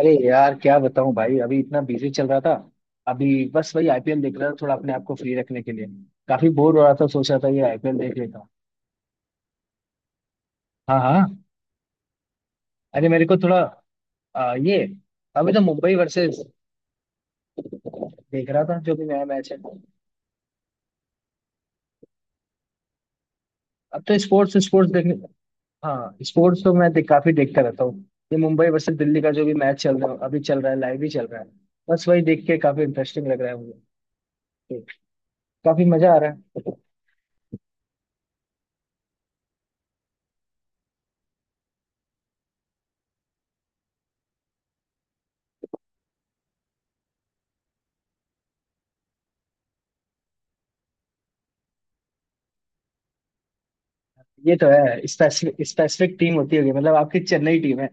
अरे यार, क्या बताऊं भाई। अभी इतना बिजी चल रहा था। अभी बस वही IPL देख रहा था, थोड़ा अपने आप को फ्री रखने के लिए। काफी बोर हो रहा था, सोच रहा था ये IPL देख लेता हूं। हाँ हाँ। अरे मेरे को थोड़ा ये अभी तो मुंबई वर्सेस देख रहा था, जो भी नया मैच है। अब तो स्पोर्ट्स स्पोर्ट्स देखने। हाँ, स्पोर्ट्स तो मैं काफी देखता रहता हूँ। ये मुंबई वर्सेस दिल्ली का जो भी मैच चल रहा है अभी, चल रहा है, लाइव ही चल रहा है। बस वही देख के काफी इंटरेस्टिंग लग रहा है मुझे। काफी मजा आ रहा है। ये तो है, स्पेसिफिक स्पेसिफिक टीम होती होगी, मतलब आपकी चेन्नई टीम है।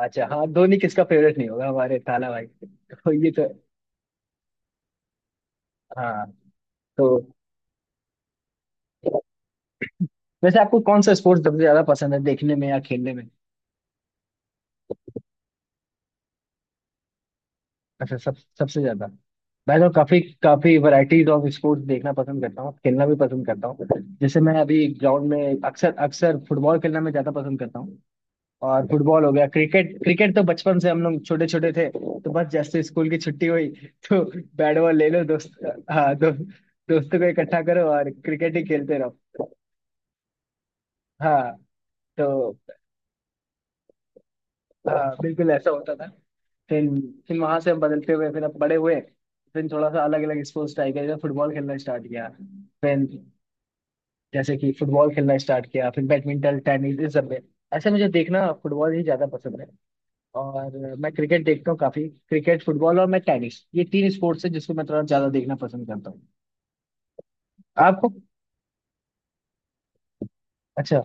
अच्छा, हाँ धोनी किसका फेवरेट नहीं होगा, हमारे थाला भाई तो ये तो। हाँ। तो वैसे आपको कौन सा स्पोर्ट्स सबसे ज्यादा पसंद है, देखने में या खेलने में? अच्छा, सब सबसे ज्यादा। मैं तो काफी काफी वैरायटीज ऑफ स्पोर्ट्स देखना पसंद करता हूँ, खेलना भी पसंद करता हूँ। जैसे मैं अभी ग्राउंड में अक्सर अक्सर फुटबॉल खेलना में ज्यादा पसंद करता हूँ। और फुटबॉल हो गया, क्रिकेट। क्रिकेट तो बचपन से, हम लोग छोटे छोटे थे तो बस, जैसे स्कूल की छुट्टी हुई तो बैट बॉल ले लो दोस्त। हाँ, दोस्तों को इकट्ठा करो और क्रिकेट ही खेलते रहो। हाँ। तो बिल्कुल ऐसा होता था। फिर फिर वहां से हम बदलते हुए फिर अब बड़े हुए। फिर थोड़ा सा अलग अलग स्पोर्ट्स ट्राई किया, जैसे फुटबॉल खेलना स्टार्ट किया। फिर, जैसे कि फुटबॉल खेलना स्टार्ट किया, फिर बैडमिंटन, टेनिस इस सब में। ऐसे मुझे देखना फुटबॉल ही ज्यादा पसंद है। और मैं क्रिकेट देखता हूँ काफी। क्रिकेट, फुटबॉल और मैं टेनिस, ये तीन स्पोर्ट्स है जिसको मैं थोड़ा ज्यादा देखना पसंद करता हूँ। आपको, अच्छा।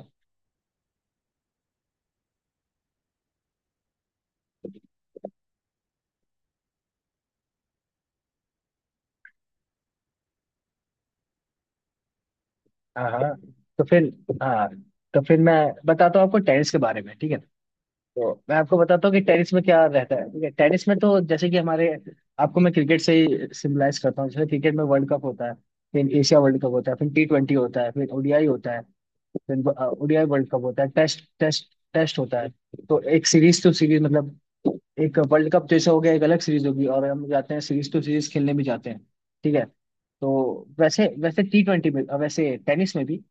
हाँ हाँ। तो फिर। हाँ, तो फिर मैं बताता हूँ आपको टेनिस के बारे में, ठीक है। तो मैं आपको बताता हूँ कि टेनिस में क्या रहता है, ठीक है। टेनिस में तो जैसे कि हमारे, आपको मैं क्रिकेट से ही सिम्बलाइज करता हूँ। जैसे क्रिकेट में वर्ल्ड कप होता है, फिर एशिया वर्ल्ड कप होता है, फिर T20 होता है, फिर ODI होता है, फिर ओडीआई वर्ल्ड कप होता है, टेस्ट टेस्ट टेस्ट होता है। तो एक सीरीज टू सीरीज, मतलब एक वर्ल्ड कप जैसे हो गया, एक अलग सीरीज होगी और हम जाते हैं सीरीज टू सीरीज खेलने भी जाते हैं, ठीक है। तो वैसे वैसे T20 में, वैसे टेनिस में भी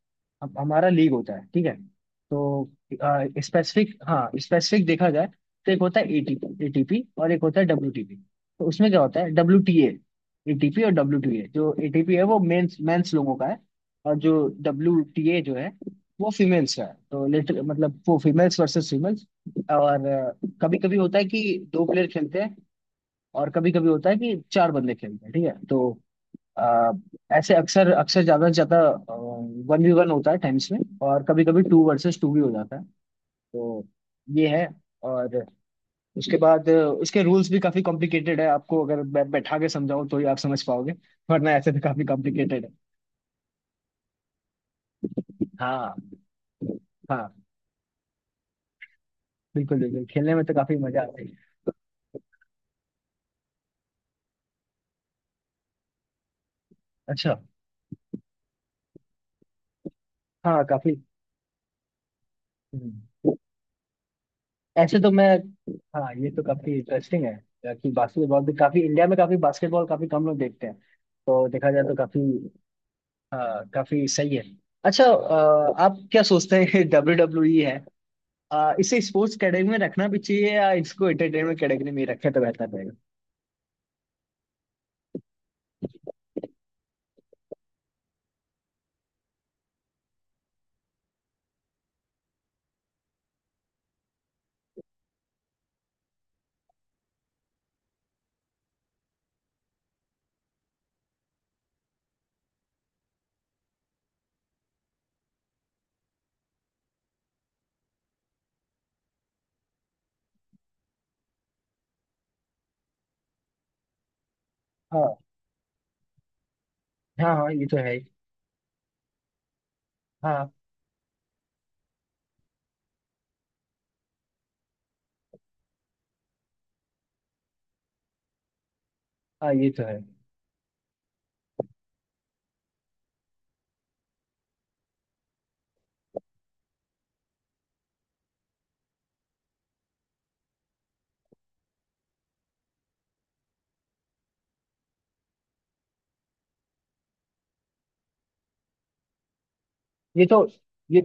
हमारा लीग होता है, ठीक है। तो स्पेसिफिक, हाँ स्पेसिफिक देखा जाए तो एक होता है एटीपी एटीपी और एक होता है WTP। तो उसमें क्या होता है WTA, ATP और WTA। जो ATP है वो मेंस मेंस लोगों का है। और जो WTA जो है, वो फीमेल्स का है। तो लिटर मतलब वो फीमेल्स वर्सेस फीमेल्स। और कभी कभी होता है कि 2 प्लेयर खेलते हैं, और कभी कभी होता है कि 4 बंदे खेलते हैं, ठीक है। तो अ, ऐसे अक्सर अक्सर ज्यादा से ज्यादा 1v1 होता है टाइम्स में, और कभी कभी 2 vs 2 भी हो जाता है। तो ये है। और उसके बाद इसके रूल्स भी काफी कॉम्प्लिकेटेड है। आपको अगर बैठा के समझाऊं तो ही आप समझ पाओगे, वरना ऐसे तो काफी कॉम्प्लिकेटेड है। हाँ हाँ, बिल्कुल बिल्कुल, खेलने में तो काफी मजा आता है। अच्छा, हाँ काफी। हम्म। ऐसे तो मैं, हाँ ये तो काफी इंटरेस्टिंग है कि बास्केटबॉल भी, काफी इंडिया में काफी बास्केटबॉल काफी कम लोग देखते हैं। तो देखा जाए तो काफी। हाँ, काफी सही है। अच्छा, आप क्या सोचते हैं WWE है, इसे स्पोर्ट्स कैटेगरी में रखना भी चाहिए या इसको एंटरटेनमेंट कैटेगरी में ही रखें तो बेहतर रहेगा? हाँ। हाँ हाँ, ये तो है ही। हाँ हाँ, ये तो है। ये तो ये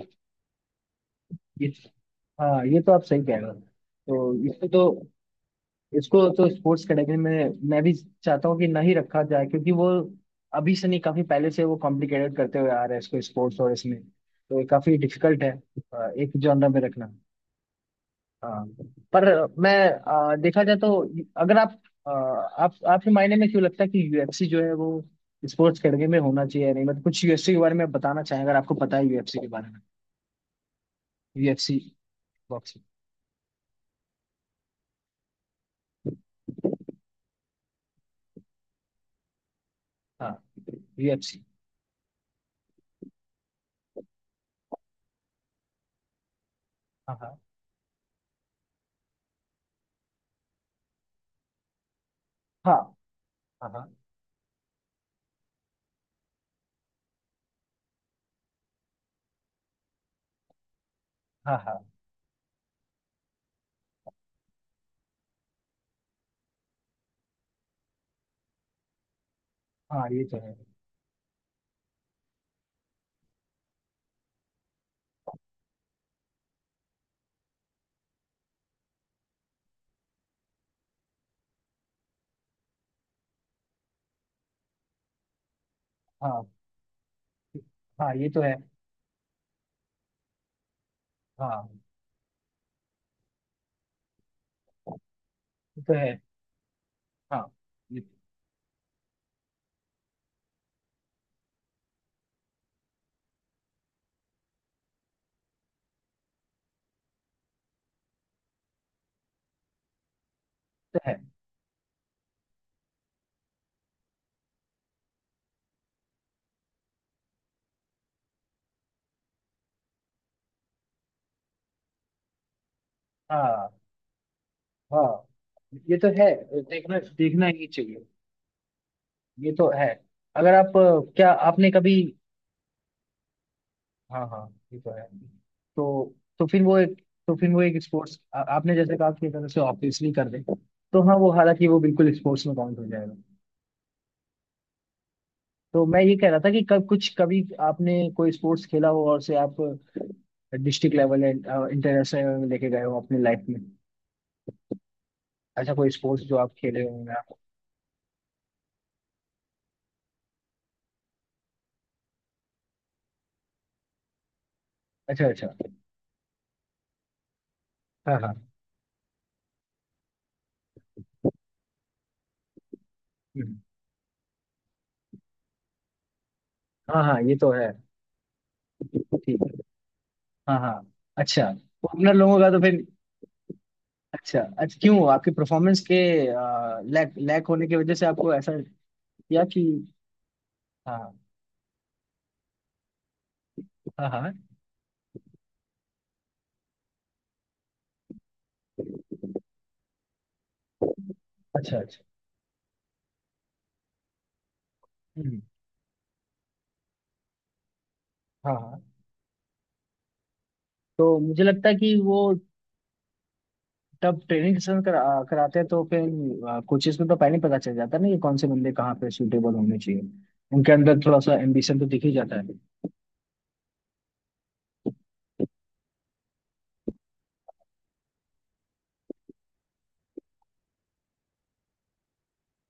ये हाँ, ये तो आप सही कह रहे हो। तो इसको तो स्पोर्ट्स कैटेगरी में मैं भी चाहता हूँ कि ना ही रखा जाए, क्योंकि वो अभी से नहीं, काफी पहले से वो कॉम्प्लिकेटेड करते हुए आ रहे हैं। इसको स्पोर्ट्स, और इसमें तो ये काफी डिफिकल्ट है एक जॉनर में रखना। हाँ। पर मैं देखा जाए तो, अगर आप, आप आपके मायने में क्यों लगता है कि UFC जो है वो स्पोर्ट्स कैटेगरी में होना चाहिए या नहीं, मतलब कुछ UFC के बारे में आप बताना चाहें अगर आपको पता है UFC के बारे में। UFC, boxing. हाँ, यूएफसी। हाँ हाँ हाँ। हाँ हाँ हाँ। हाँ हाँ, ये तो है। हाँ हाँ, ये तो है। हाँ, ये तो है। हाँ, ये तो है। हाँ हाँ, ये तो है। देखना देखना ही चाहिए। ये तो है। अगर आप क्या आपने कभी। हाँ हाँ, ये तो है। तो फिर वो एक, तो फिर वो एक स्पोर्ट्स, आपने जैसे कहा कि अगर उसे ऑब्वियसली कर दे तो हाँ वो, हालांकि वो बिल्कुल स्पोर्ट्स में काउंट हो जाएगा। तो मैं ये कह रहा था कि कब कुछ कभी आपने कोई स्पोर्ट्स खेला हो और उसे आप डिस्ट्रिक्ट लेवल एंड इंटरनेशनल में लेके गए हो अपनी लाइफ में, ऐसा कोई स्पोर्ट्स जो आप खेले हो या- अच्छा अच्छा। हाँ हाँ। हम्म, हाँ हाँ, ये तो है। ठीक है। हाँ हाँ। अच्छा। ओपनर लोगों का तो फिर, अच्छा अच्छा, क्यों आपकी परफॉर्मेंस के लैक लैक होने की वजह से आपको ऐसा, या कि। हाँ। हाँ हाँ। अच्छा अच्छा। हम्म, हाँ हाँ। तो मुझे लगता है कि वो तब ट्रेनिंग सेशन कराते हैं तो फिर कोचेस में तो पहले ही पता चल जाता है ना कि कौन से बंदे कहाँ पे सूटेबल होने चाहिए। उनके अंदर थोड़ा सा एम्बिशन तो दिख ही जाता है।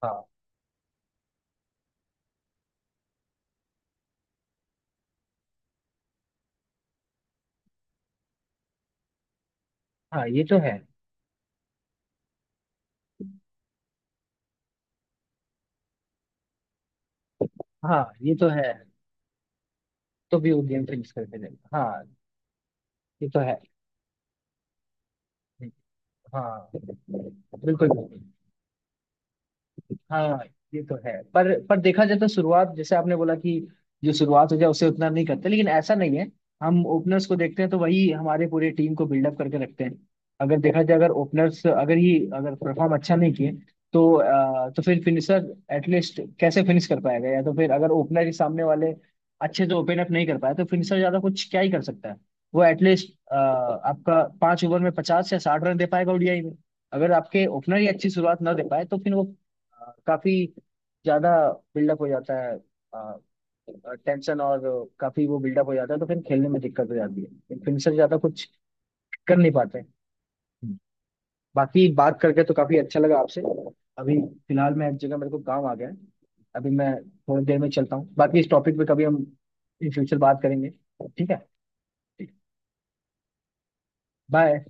हाँ हाँ, ये तो है। हाँ, ये तो है। तो भी वो गेम फिनिश करके जाएगा। हाँ, ये तो है। हाँ, बिल्कुल बिल्कुल। हाँ, ये तो है। पर देखा जाए तो शुरुआत, जैसे आपने बोला कि जो शुरुआत हो जाए उसे उतना नहीं करते, लेकिन ऐसा नहीं है। हम ओपनर्स को देखते हैं तो वही हमारे पूरे टीम को बिल्डअप करके रखते हैं। अगर देखा जाए, अगर ओपनर्स अगर ही अगर परफॉर्म अच्छा नहीं किए तो तो फिर फिनिशर एटलीस्ट कैसे फिनिश कर पाएगा? या तो फिर अगर ओपनर ही सामने वाले अच्छे से ओपन अप नहीं कर पाए तो फिनिशर ज्यादा कुछ क्या ही कर सकता है। वो एटलीस्ट आपका 5 ओवर में 50 या 60 रन दे पाएगा ODI में। अगर आपके ओपनर ही अच्छी शुरुआत ना दे पाए तो फिर वो काफी ज्यादा बिल्डअप हो जाता है, टेंशन। और काफी वो बिल्डअप हो जाता है तो फिर खेलने में दिक्कत हो जाती है, फिर से ज्यादा कुछ कर नहीं पाते हैं। हम्म। बाकी बात करके तो काफी अच्छा लगा आपसे। अभी फिलहाल मैं, एक जगह मेरे को काम आ गया है। अभी मैं थोड़ी देर में चलता हूँ। बाकी इस टॉपिक पे कभी हम इन फ्यूचर बात करेंगे। ठीक है, बाय।